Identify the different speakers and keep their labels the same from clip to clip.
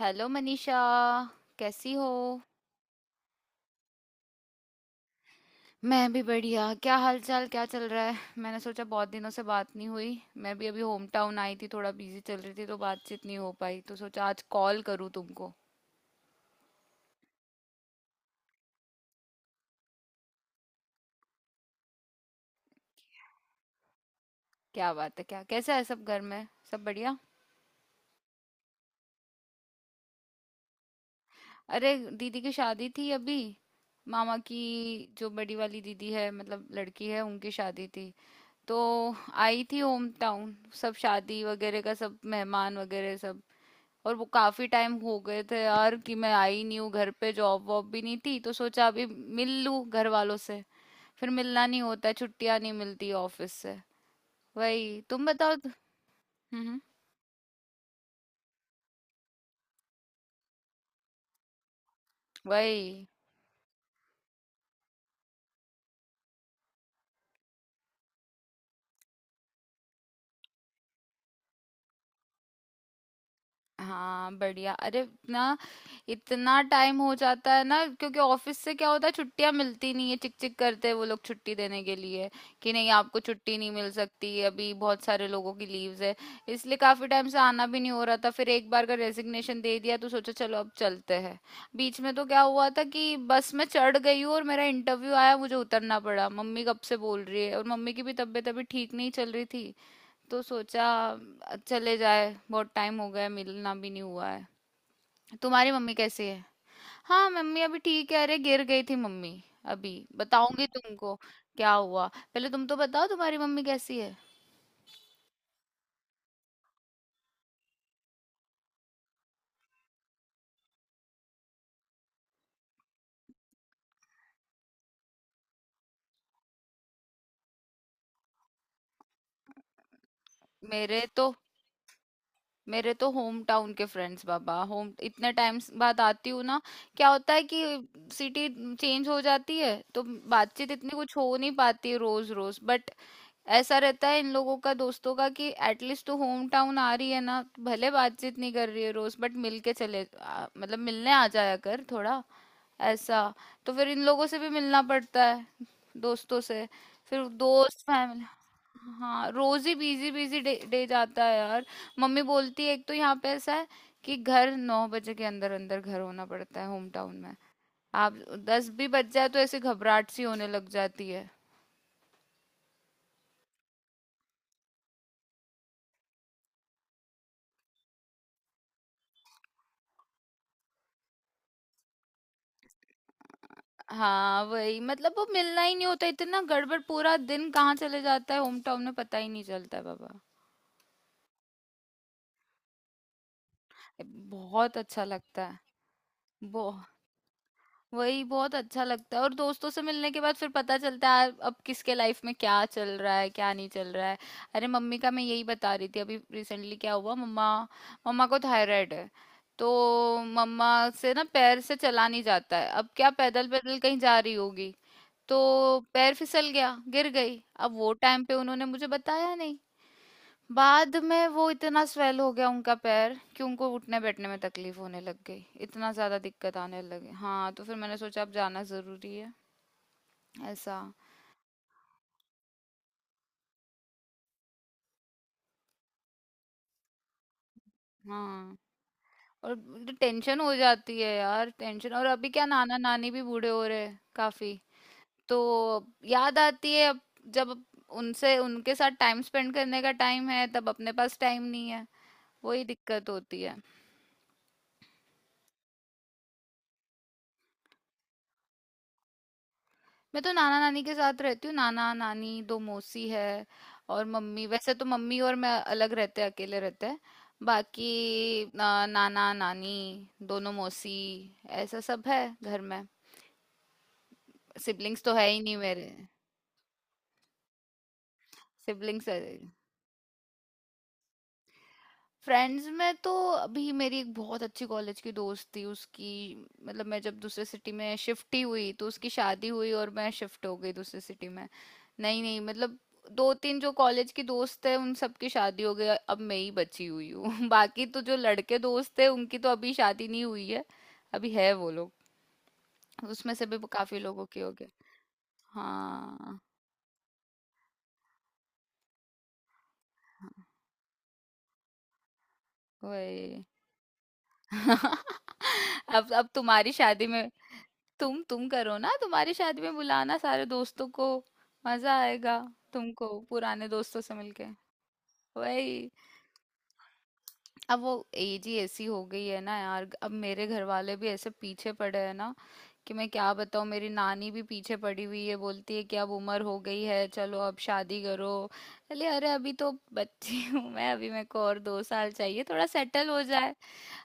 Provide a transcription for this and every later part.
Speaker 1: Hello Manisha. कैसी हो। मैं भी बढ़िया। क्या हाल चाल, क्या चल रहा है। मैंने सोचा बहुत दिनों से बात नहीं हुई। मैं भी अभी होम टाउन आई थी, थोड़ा बिजी चल रही थी तो बातचीत नहीं हो पाई, तो सोचा आज कॉल करूँ तुमको। क्या बात है, क्या कैसा है सब, घर में सब बढ़िया। अरे दीदी की शादी थी अभी, मामा की, जो बड़ी वाली दीदी है, मतलब लड़की है, उनकी शादी थी। तो आई थी होम टाउन। सब शादी वगैरह का, सब मेहमान वगैरह सब। और वो काफी टाइम हो गए थे यार कि मैं आई नहीं हूँ घर पे, जॉब वॉब भी नहीं थी तो सोचा अभी मिल लूँ घर वालों से। फिर मिलना नहीं होता है, छुट्टियां नहीं मिलती ऑफिस से। वही, तुम बताओ। हम्म हम्म, वही। हाँ बढ़िया। अरे ना, इतना टाइम हो जाता है ना, क्योंकि ऑफिस से क्या होता है, छुट्टियां मिलती नहीं है, चिक चिक करते हैं वो लोग छुट्टी देने के लिए कि नहीं आपको छुट्टी नहीं मिल सकती अभी, बहुत सारे लोगों की लीव्स है। इसलिए काफी टाइम से आना भी नहीं हो रहा था। फिर एक बार का रेजिग्नेशन दे दिया तो सोचा चलो अब चलते हैं। बीच में तो क्या हुआ था कि बस में चढ़ गई हूँ और मेरा इंटरव्यू आया, मुझे उतरना पड़ा। मम्मी कब से बोल रही है, और मम्मी की भी तबीयत अभी ठीक नहीं चल रही थी, तो सोचा चले जाए, बहुत टाइम हो गया, मिलना भी नहीं हुआ है। तुम्हारी मम्मी कैसी है। हाँ मम्मी अभी ठीक है, अरे गिर गई थी मम्मी, अभी बताऊंगी तुमको क्या हुआ। पहले तुम तो बताओ, तुम्हारी मम्मी कैसी है। मेरे तो मेरे तो होम टाउन के फ्रेंड्स बाबा, होम इतने टाइम्स बाद आती हूँ ना, क्या होता है कि सिटी चेंज हो जाती है तो बातचीत इतनी कुछ हो नहीं पाती रोज रोज, बट ऐसा रहता है इन लोगों का, दोस्तों का, कि एटलीस्ट तू होम टाउन आ रही है ना, भले बातचीत नहीं कर रही है रोज, बट मिल के चले आ, मतलब मिलने आ जाया कर थोड़ा, ऐसा। तो फिर इन लोगों से भी मिलना पड़ता है, दोस्तों से। फिर दोस्त, फैमिली। हाँ रोज ही बिजी बिजी डे जाता है यार। मम्मी बोलती है, एक तो यहाँ पे ऐसा है कि घर नौ बजे के अंदर अंदर घर होना पड़ता है होम टाउन में। आप दस भी बज जाए तो ऐसे घबराहट सी होने लग जाती है। हाँ वही, मतलब वो मिलना ही नहीं होता, इतना गड़बड़, पूरा दिन कहाँ चले जाता है होम टाउन में पता ही नहीं चलता है बाबा। बहुत अच्छा लगता है। वो वही, बहुत अच्छा लगता है, और दोस्तों से मिलने के बाद फिर पता चलता है अब किसके लाइफ में क्या चल रहा है, क्या नहीं चल रहा है। अरे मम्मी का मैं यही बता रही थी, अभी रिसेंटली क्या हुआ, मम्मा, मम्मा को थायराइड है, तो मम्मा से ना पैर से चला नहीं जाता है। अब क्या पैदल पैदल कहीं जा रही होगी, तो पैर फिसल गया, गिर गई। अब वो टाइम पे उन्होंने मुझे बताया नहीं। बाद में वो इतना स्वेल हो गया उनका पैर कि उनको उठने बैठने में तकलीफ होने लग गई, इतना ज्यादा दिक्कत आने लगे। हाँ तो फिर मैंने सोचा अब जाना जरूरी है, ऐसा। हाँ और टेंशन हो जाती है यार, टेंशन। और अभी क्या नाना नानी भी बूढ़े हो रहे हैं काफी, तो याद आती है अब, जब उनसे, उनके साथ टाइम स्पेंड करने का टाइम है तब अपने पास टाइम नहीं है। वही दिक्कत होती है। मैं तो नाना नानी के साथ रहती हूँ, नाना नानी, दो मौसी है। और मम्मी, वैसे तो मम्मी और मैं अलग रहते हैं, अकेले रहते हैं। बाकी ना, नाना नानी, दोनों मौसी, ऐसा सब है घर में। सिबलिंग्स तो है ही नहीं मेरे। सिबलिंग्स है, फ्रेंड्स में तो अभी मेरी एक बहुत अच्छी कॉलेज की दोस्त थी उसकी, मतलब मैं जब दूसरे सिटी में शिफ्ट ही हुई तो उसकी शादी हुई और मैं शिफ्ट हो गई दूसरे सिटी में। नहीं नहीं मतलब दो तीन जो कॉलेज की दोस्त है उन सबकी शादी हो गई, अब मैं ही बची हुई हूँ। बाकी तो जो लड़के दोस्त है उनकी तो अभी शादी नहीं हुई है, अभी है वो लोग, उसमें से भी काफी लोगों की हो गई। हाँ, हाँ, वही। अब तुम्हारी शादी में, तुम करो ना, तुम्हारी शादी में बुलाना सारे दोस्तों को, मजा आएगा तुमको पुराने दोस्तों से मिलके। वही। अब वो एज ही ऐसी हो गई है ना यार, अब मेरे घर वाले भी ऐसे पीछे पड़े हैं ना, कि मैं क्या बताऊँ, मेरी नानी भी पीछे पड़ी हुई है, बोलती है कि अब उम्र हो गई है, चलो अब शादी करो। अरे अरे अभी तो बच्ची हूँ मैं, अभी मेरे को और दो साल चाहिए, थोड़ा सेटल हो जाए।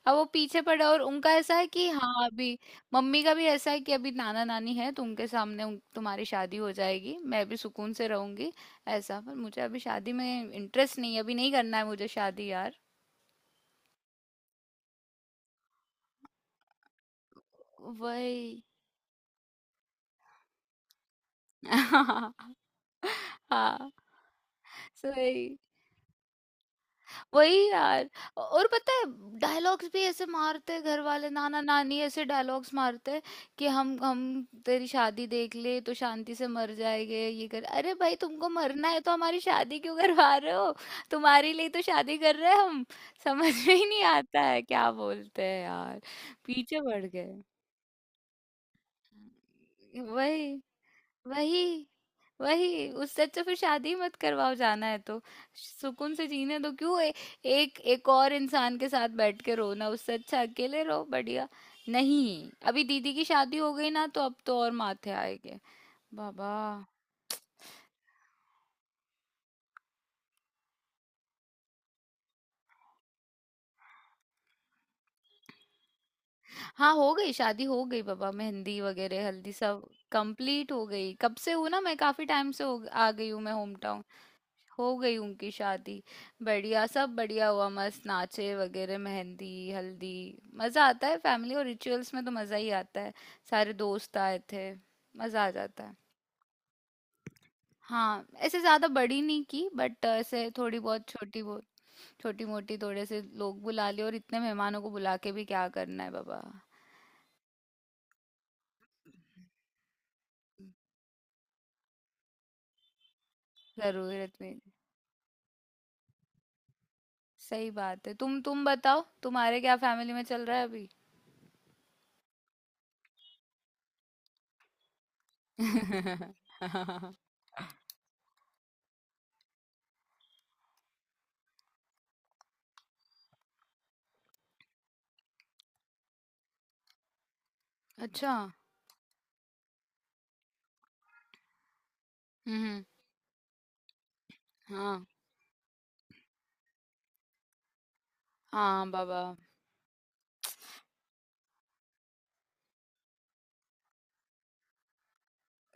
Speaker 1: अब वो पीछे पड़े और उनका ऐसा है कि हाँ अभी, मम्मी का भी ऐसा है कि अभी नाना नानी है तो उनके सामने तुम्हारी शादी हो जाएगी, मैं भी सुकून से रहूंगी, ऐसा। पर मुझे अभी शादी में इंटरेस्ट नहीं है, अभी नहीं करना है मुझे शादी यार। वही। हाँ सही, वही यार। और पता है, डायलॉग्स भी ऐसे मारते हैं घर वाले, नाना नानी ऐसे डायलॉग्स मारते हैं कि हम तेरी शादी देख ले तो शांति से मर जाएंगे, ये कर। अरे भाई तुमको मरना है तो हमारी शादी क्यों करवा रहे हो। तुम्हारे लिए तो शादी कर रहे हैं हम। समझ में ही नहीं आता है क्या बोलते हैं यार, पीछे पड़ गए। वही वही वही, उससे अच्छा फिर शादी मत करवाओ जाना है तो, सुकून से जीने दो। क्यों एक एक और इंसान के साथ बैठ के रोना, उससे अच्छा अकेले रहो, बढ़िया। नहीं अभी दीदी की शादी हो गई ना तो अब तो और माथे आएंगे बाबा। हाँ हो गई, शादी हो गई बाबा, मेहंदी वगैरह, हल्दी सब कंप्लीट हो गई, कब से हूँ ना मैं, काफी टाइम से आ गई हूँ मैं होम टाउन। हो गई उनकी शादी। बढ़िया, सब बढ़िया हुआ, मस्त नाचे वगैरह, मेहंदी हल्दी, मज़ा आता है, फैमिली और रिचुअल्स में तो मज़ा ही आता है। सारे दोस्त आए थे, मज़ा आ जाता है। हाँ ऐसे ज़्यादा बड़ी नहीं की, बट ऐसे थोड़ी बहुत छोटी, बहुत छोटी मोटी, थोड़े से लोग बुला लिए, और इतने मेहमानों को बुला के भी क्या करना है बाबा, जरूरत नहीं। सही बात है। तुम बताओ, तुम्हारे क्या फैमिली में चल रहा है अभी। अच्छा। हम्म। हाँ। हाँ बाबा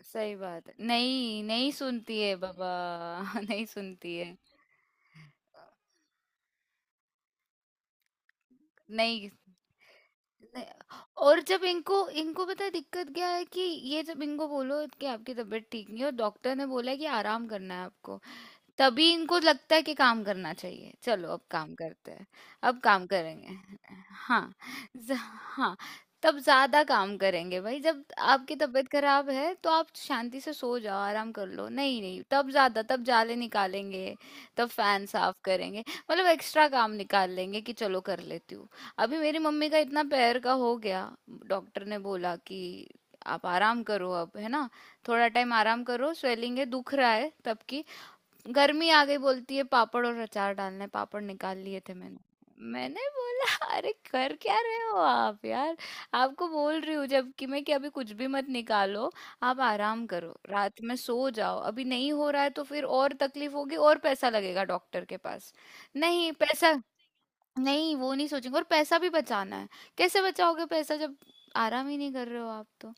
Speaker 1: सही बात है, नहीं नहीं सुनती है बाबा। नहीं सुनती है। नहीं, नहीं, और जब इनको, इनको पता है दिक्कत क्या है कि ये जब इनको बोलो कि आपकी तबीयत ठीक नहीं है और डॉक्टर ने बोला है कि आराम करना है आपको, तभी इनको लगता है कि काम करना चाहिए, चलो अब काम करते हैं, अब काम करेंगे। हाँ। ज- हाँ, तब ज्यादा काम करेंगे भाई। जब आपकी तबीयत खराब है तो आप शांति से सो जाओ, आराम कर लो। नहीं नहीं, तब ज्यादा, तब जाले निकालेंगे, तब फैन साफ करेंगे, मतलब एक्स्ट्रा काम निकाल लेंगे कि चलो कर लेती हूँ। अभी मेरी मम्मी का इतना पैर का हो गया, डॉक्टर ने बोला कि आप आराम करो अब है ना, थोड़ा टाइम आराम करो, स्वेलिंग है, दुख रहा है। तब की गर्मी आ गई, बोलती है पापड़ और अचार डालना है, पापड़ निकाल लिए थे। मैंने, मैंने बोला अरे कर क्या रहे हो आप यार, आपको बोल रही हूँ जबकि मैं कि अभी कुछ भी मत निकालो, आप आराम करो, रात में सो जाओ, अभी नहीं हो रहा है तो फिर और तकलीफ होगी और पैसा लगेगा डॉक्टर के पास। नहीं पैसा, नहीं, वो नहीं सोचेंगे और पैसा भी बचाना है। कैसे बचाओगे पैसा जब आराम ही नहीं कर रहे हो आप तो।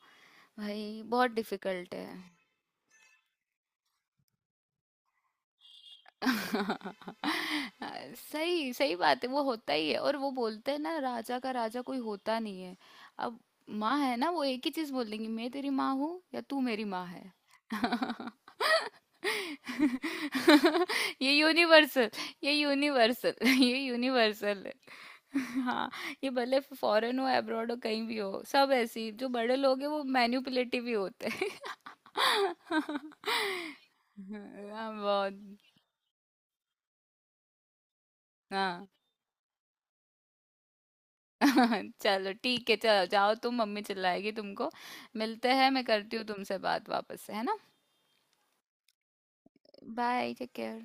Speaker 1: भाई बहुत डिफिकल्ट है। सही, सही बात है, वो होता ही है। और वो बोलते हैं ना, राजा का राजा कोई होता नहीं है। अब माँ है ना, वो एक ही चीज बोल देंगी, मैं तेरी माँ हूँ या तू मेरी माँ है। ये यूनिवर्सल, ये यूनिवर्सल है। हाँ, ये भले फॉरेन हो, अब्रॉड हो, कहीं भी हो, सब ऐसे ही, जो बड़े लोग हैं वो मैन्युपुलेटिव ही होते हैं। हाँ, बहुत। हाँ। चलो ठीक है, चलो जाओ तुम, मम्मी चिल्लाएगी तुमको। मिलते हैं, मैं करती हूँ तुमसे बात वापस से, है ना। Bye, take care.